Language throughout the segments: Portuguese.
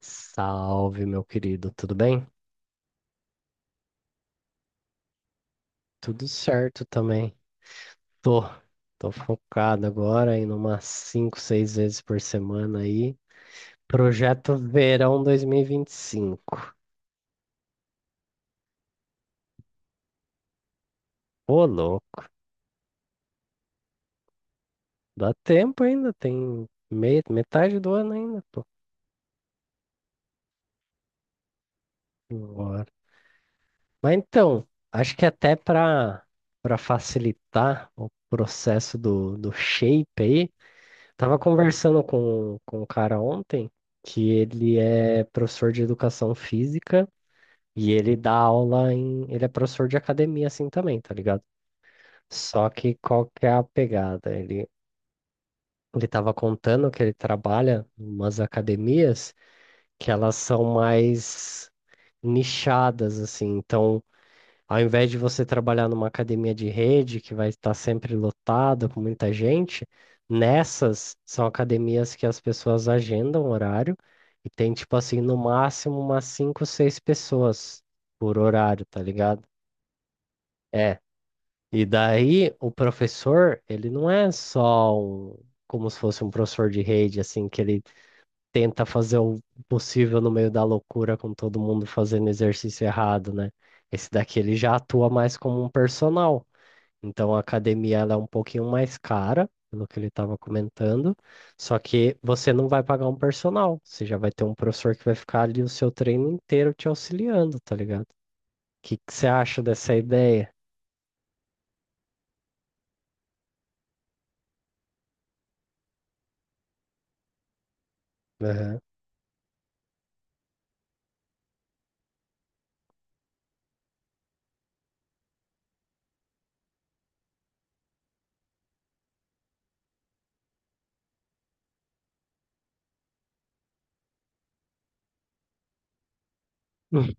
Salve, meu querido, tudo bem? Tudo certo também. Tô, tô focado agora em umas 5, 6 vezes por semana aí. Projeto Verão dois mil e vinte e cinco. Ô, louco. Dá tempo ainda, tem metade do ano ainda, pô. Bora. Mas então, acho que até para facilitar o processo do shape aí. Tava conversando com um cara ontem que ele é professor de educação física e ele dá aula em. Ele é professor de academia assim também, tá ligado? Só que qual que é a pegada? Ele tava contando que ele trabalha em umas academias que elas são mais nichadas, assim. Então, ao invés de você trabalhar numa academia de rede que vai estar sempre lotada com muita gente, nessas são academias que as pessoas agendam horário e tem, tipo assim, no máximo umas 5, 6 pessoas por horário, tá ligado? É. E daí o professor, ele não é só um, como se fosse um professor de rede, assim, que ele tenta fazer o possível no meio da loucura com todo mundo fazendo exercício errado, né? Esse daqui ele já atua mais como um personal. Então a academia ela é um pouquinho mais cara, pelo que ele estava comentando. Só que você não vai pagar um personal. Você já vai ter um professor que vai ficar ali o seu treino inteiro te auxiliando, tá ligado? O que que você acha dessa ideia? Aham. Hum.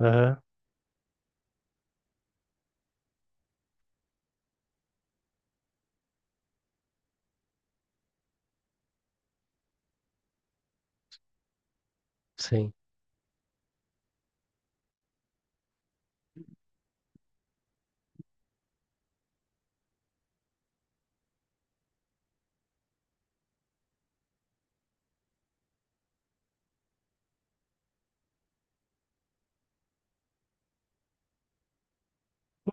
Aham, sim.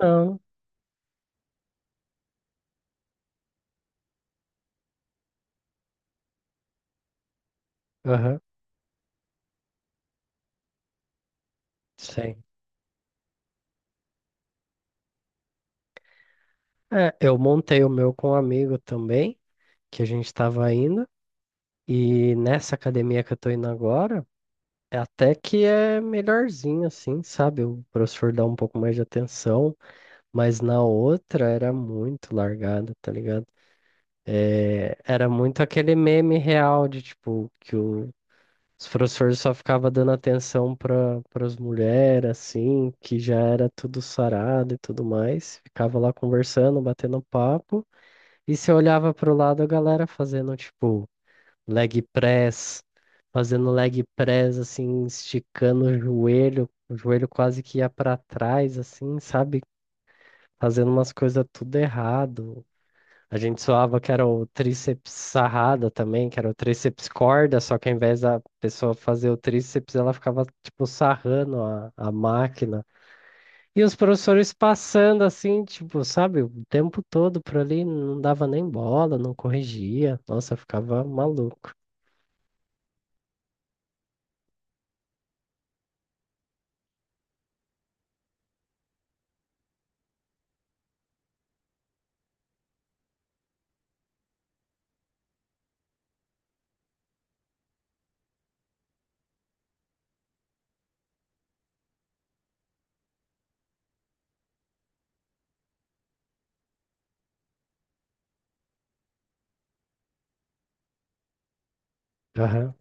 Não, aham, sim. É, eu montei o meu com um amigo também, que a gente estava indo, e nessa academia que eu tô indo agora, é até que é melhorzinho, assim, sabe? O professor dá um pouco mais de atenção. Mas na outra era muito largada, tá ligado? É, era muito aquele meme real de tipo que os professores só ficavam dando atenção para as mulheres, assim, que já era tudo sarado e tudo mais. Ficava lá conversando, batendo papo, e você olhava pro lado a galera fazendo tipo leg press, fazendo leg press, assim, esticando o joelho quase que ia para trás, assim, sabe? Fazendo umas coisas tudo errado. A gente zoava que era o tríceps sarrada também, que era o tríceps corda, só que ao invés da pessoa fazer o tríceps, ela ficava, tipo, sarrando a máquina. E os professores passando assim, tipo, sabe, o tempo todo por ali, não dava nem bola, não corrigia. Nossa, eu ficava maluco. Aham,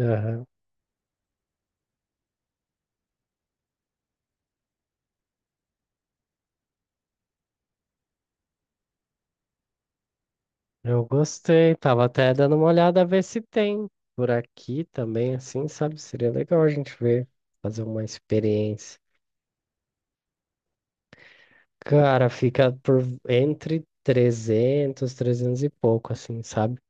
aham. Eu gostei, tava até dando uma olhada a ver se tem por aqui também, assim, sabe? Seria legal a gente ver, fazer uma experiência. Cara, fica por entre 300 e pouco, assim, sabe?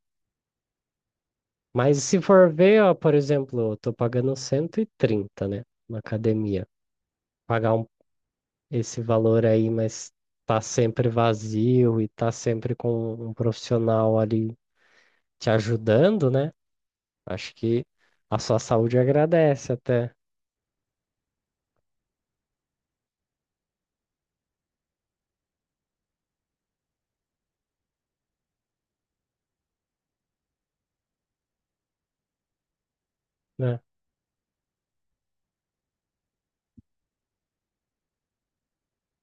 Mas se for ver, ó, por exemplo, eu tô pagando 130, né, na academia. Pagar um- Esse valor aí, mas tá sempre vazio e tá sempre com um profissional ali te ajudando, né? Acho que a sua saúde agradece até, né?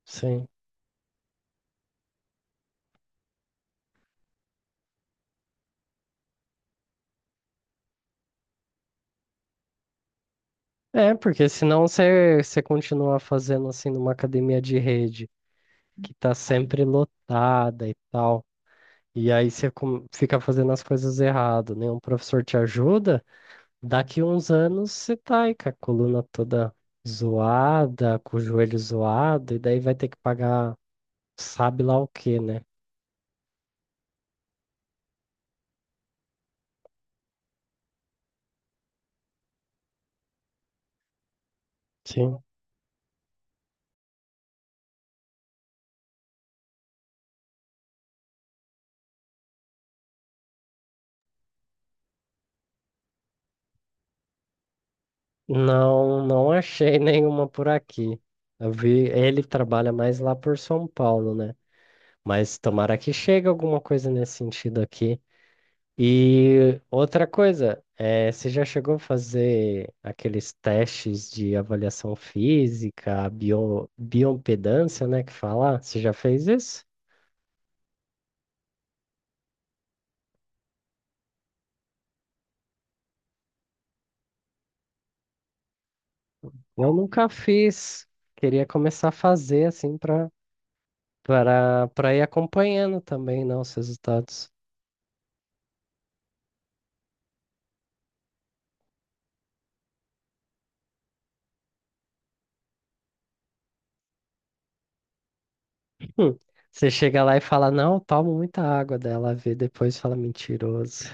Sim. É, porque senão você continua fazendo assim numa academia de rede que tá sempre lotada e tal. E aí você fica fazendo as coisas errado, nenhum professor te ajuda, daqui uns anos você tá aí com a coluna toda zoada, com o joelho zoado, e daí vai ter que pagar sabe lá o quê, né? Sim. Não, não achei nenhuma por aqui. Eu vi, ele trabalha mais lá por São Paulo, né? Mas tomara que chegue alguma coisa nesse sentido aqui. E outra coisa, você já chegou a fazer aqueles testes de avaliação física, bioimpedância, né, que fala? Você já fez isso? Eu nunca fiz. Queria começar a fazer assim para ir acompanhando também, né, os resultados. Hum. Você chega lá e fala, não, eu tomo muita água dela, vê depois e fala mentiroso.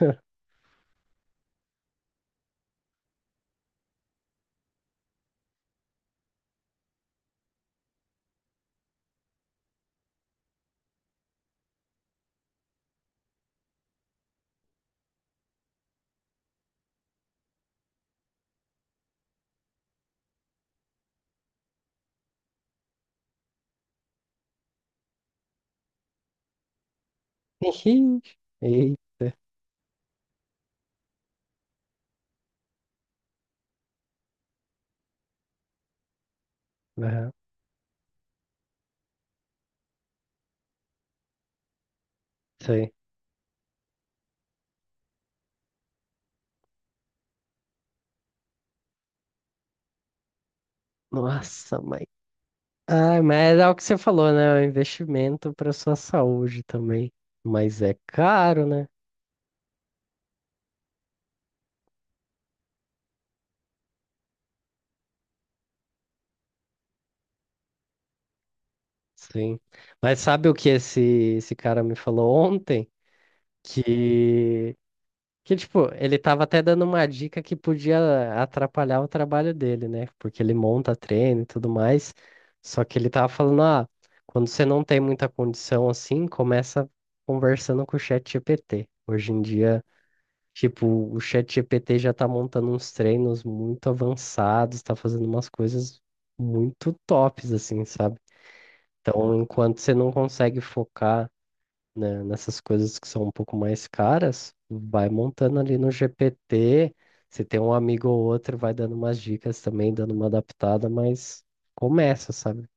Ih, aham, sei. Nossa, mas ah, mas é o que você falou, né? É um investimento para sua saúde também. Mas é caro, né? Sim. Mas sabe o que esse cara me falou ontem? Que, tipo, ele tava até dando uma dica que podia atrapalhar o trabalho dele, né? Porque ele monta treino e tudo mais. Só que ele tava falando, ah, quando você não tem muita condição assim, começa conversando com o chat GPT. Hoje em dia, tipo, o ChatGPT já tá montando uns treinos muito avançados, tá fazendo umas coisas muito tops, assim, sabe? Então, enquanto você não consegue focar, né, nessas coisas que são um pouco mais caras, vai montando ali no GPT. Se tem um amigo ou outro, vai dando umas dicas também, dando uma adaptada, mas começa, sabe?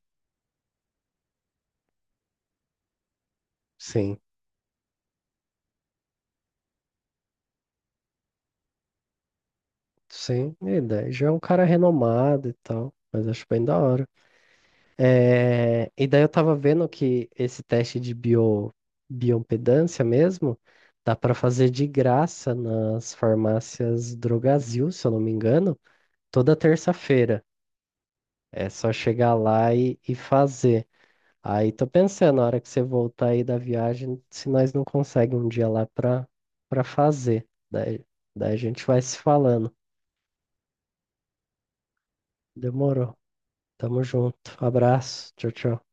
Sim, sim. E daí já é um cara renomado e tal, mas acho bem da hora. É, e daí eu tava vendo que esse teste de bioimpedância mesmo dá para fazer de graça nas farmácias Drogasil, se eu não me engano, toda terça-feira. É só chegar lá e fazer. Aí tô pensando, na hora que você voltar aí da viagem, se nós não conseguimos um dia lá para fazer. Daí a gente vai se falando. Demorou. Tamo junto. Abraço. Tchau, tchau.